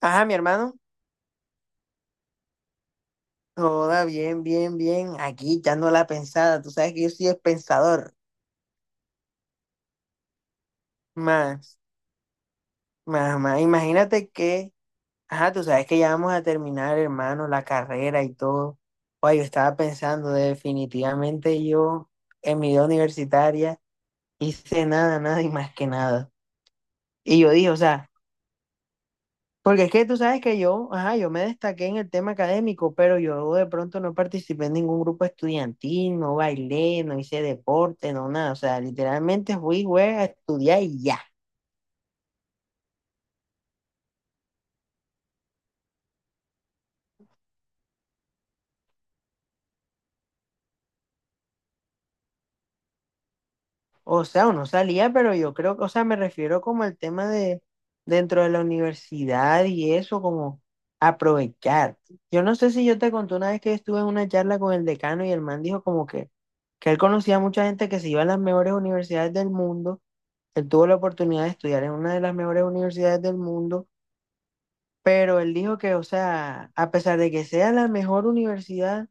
Ajá, mi hermano. Toda bien. Aquí echando la pensada. Tú sabes que yo soy pensador. Más, más. Imagínate que, ajá, tú sabes que ya vamos a terminar, hermano, la carrera y todo. Oye, yo estaba pensando, definitivamente yo en mi vida universitaria hice nada, nada y más que nada. Y yo dije, o sea. Porque es que tú sabes que yo, ajá, yo me destaqué en el tema académico, pero yo de pronto no participé en ningún grupo estudiantil, no bailé, no hice deporte, no nada. O sea, literalmente fui, güey, a estudiar y ya. O sea, uno salía, pero yo creo que, o sea, me refiero como al tema de dentro de la universidad y eso, como aprovechar. Yo no sé si yo te conté una vez que estuve en una charla con el decano y el man dijo como que él conocía a mucha gente que se iba a las mejores universidades del mundo. Él tuvo la oportunidad de estudiar en una de las mejores universidades del mundo, pero él dijo que, o sea, a pesar de que sea la mejor universidad,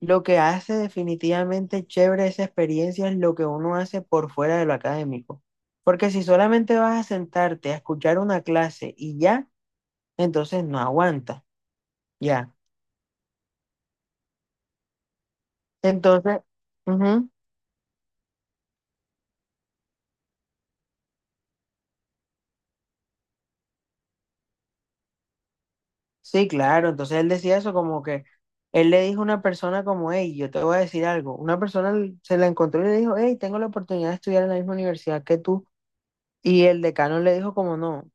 lo que hace definitivamente chévere esa experiencia es lo que uno hace por fuera de lo académico. Porque si solamente vas a sentarte a escuchar una clase y ya, entonces no aguanta, ya. Entonces, ujú. Sí, claro. Entonces él decía eso como que él le dijo a una persona como, hey, yo te voy a decir algo. Una persona se la encontró y le dijo, hey, tengo la oportunidad de estudiar en la misma universidad que tú. Y el decano le dijo como, no. O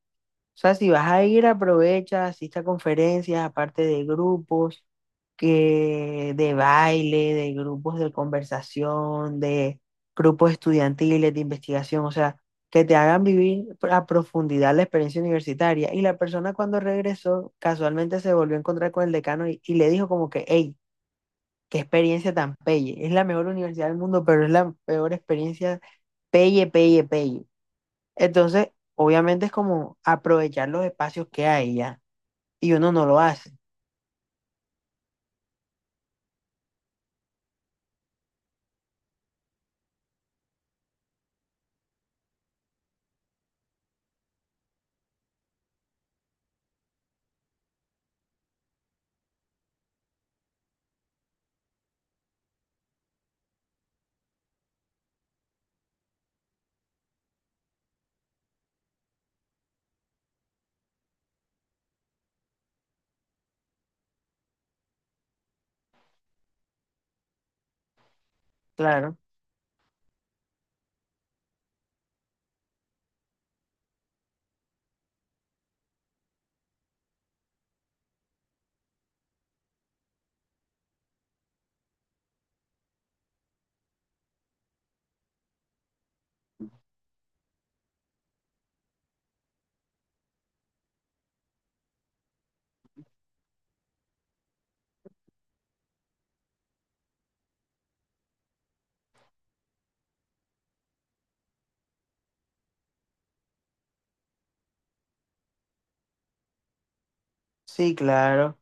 sea, si vas a ir, aprovecha, asiste a conferencias, aparte de grupos, que de baile, de grupos de conversación, de grupos estudiantiles, de investigación, o sea, que te hagan vivir a profundidad la experiencia universitaria. Y la persona cuando regresó, casualmente se volvió a encontrar con el decano y le dijo como que, hey, qué experiencia tan pelle. Es la mejor universidad del mundo, pero es la peor experiencia pelle. Entonces, obviamente es como aprovechar los espacios que hay ya. Y uno no lo hace, claro. Sí, claro.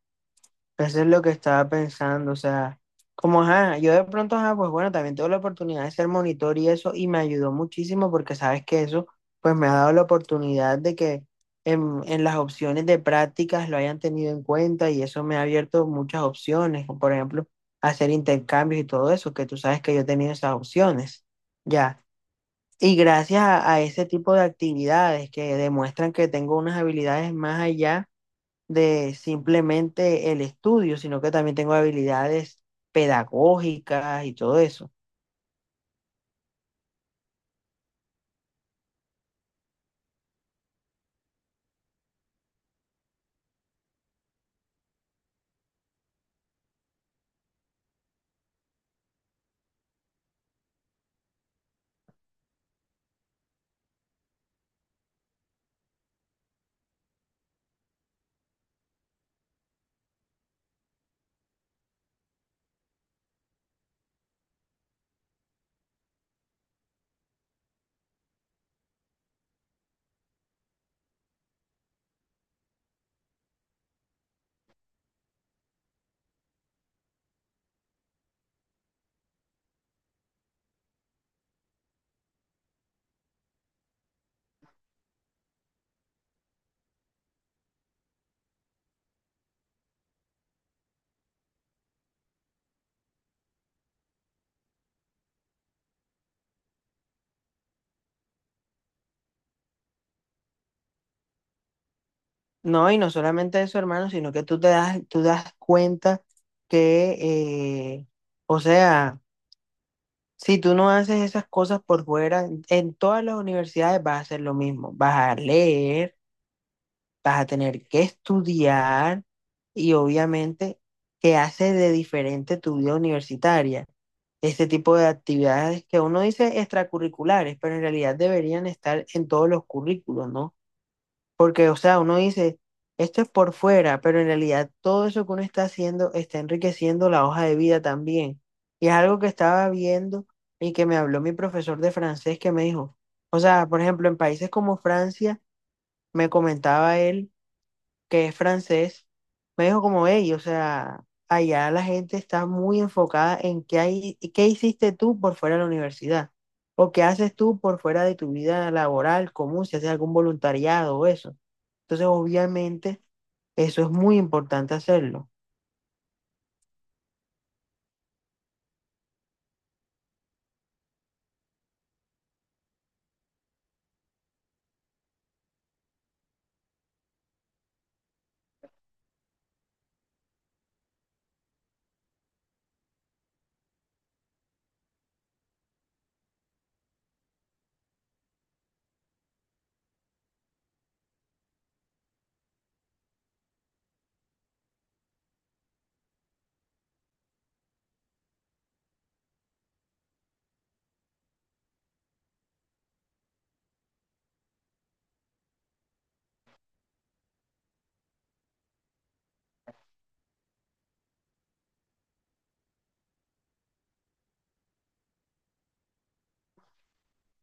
Eso es lo que estaba pensando. O sea, como, ajá, yo de pronto, ajá, pues bueno, también tuve la oportunidad de ser monitor y eso, y me ayudó muchísimo porque sabes que eso, pues me ha dado la oportunidad de que en las opciones de prácticas lo hayan tenido en cuenta y eso me ha abierto muchas opciones, como por ejemplo, hacer intercambios y todo eso, que tú sabes que yo he tenido esas opciones. Ya. Y gracias a ese tipo de actividades que demuestran que tengo unas habilidades más allá de simplemente el estudio, sino que también tengo habilidades pedagógicas y todo eso. No, y no solamente eso, hermano, sino que tú te das, tú das cuenta que, eh, o sea, si tú no haces esas cosas por fuera, en todas las universidades vas a hacer lo mismo, vas a leer, vas a tener que estudiar y obviamente que hace de diferente tu vida universitaria. Este tipo de actividades que uno dice extracurriculares, pero en realidad deberían estar en todos los currículos, ¿no? Porque, o sea, uno dice, esto es por fuera, pero en realidad todo eso que uno está haciendo está enriqueciendo la hoja de vida también. Y es algo que estaba viendo y que me habló mi profesor de francés que me dijo, o sea, por ejemplo, en países como Francia, me comentaba él que es francés, me dijo como, hey, o sea, allá la gente está muy enfocada en qué hay, qué hiciste tú por fuera de la universidad o qué haces tú por fuera de tu vida laboral común, si haces algún voluntariado o eso. Entonces, obviamente, eso es muy importante hacerlo.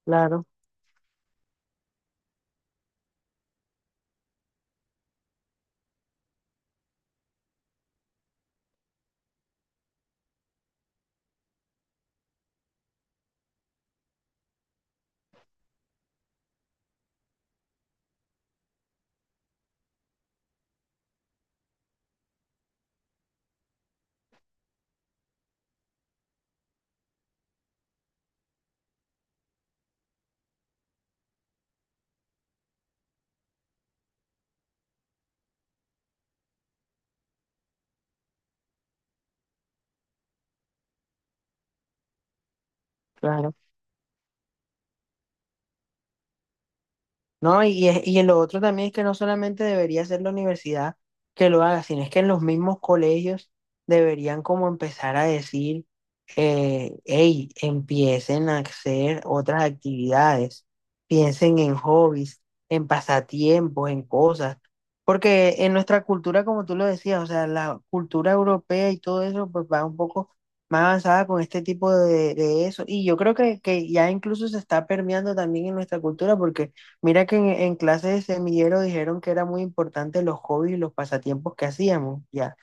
Claro, claro. No, y, y lo otro también es que no solamente debería ser la universidad que lo haga, sino es que en los mismos colegios deberían como empezar a decir, hey, empiecen a hacer otras actividades, piensen en hobbies, en pasatiempos, en cosas, porque en nuestra cultura, como tú lo decías, o sea, la cultura europea y todo eso, pues va un poco más avanzada con este tipo de eso, y yo creo que ya incluso se está permeando también en nuestra cultura, porque mira que en clase de semillero dijeron que era muy importante los hobbies y los pasatiempos que hacíamos, ya.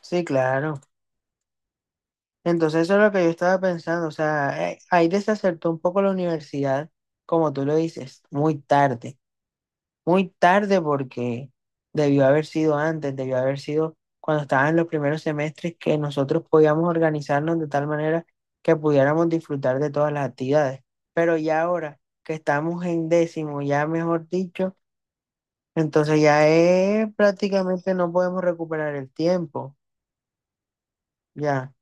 Sí, claro. Entonces eso es lo que yo estaba pensando, o sea, ahí desacertó un poco la universidad, como tú lo dices, muy tarde porque debió haber sido antes, debió haber sido cuando estaban en los primeros semestres que nosotros podíamos organizarnos de tal manera que pudiéramos disfrutar de todas las actividades. Pero ya ahora que estamos en décimo, ya mejor dicho. Entonces ya es prácticamente no podemos recuperar el tiempo. Ya.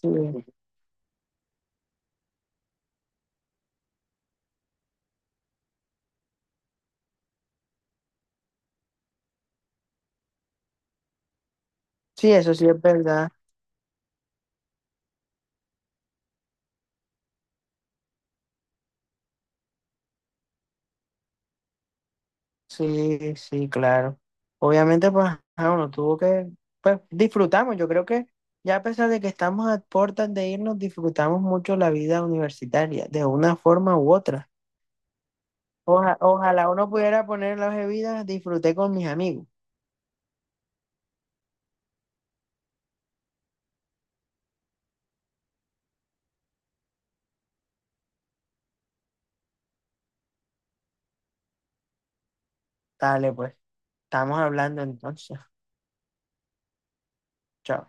Sí, sí, eso sí es verdad. Sí, claro. Obviamente, pues, ajá, uno tuvo que, pues, disfrutamos. Yo creo que ya a pesar de que estamos a puertas de irnos, disfrutamos mucho la vida universitaria, de una forma u otra. Ojalá uno pudiera poner las bebidas, disfruté con mis amigos. Dale, pues, estamos hablando entonces. Chao.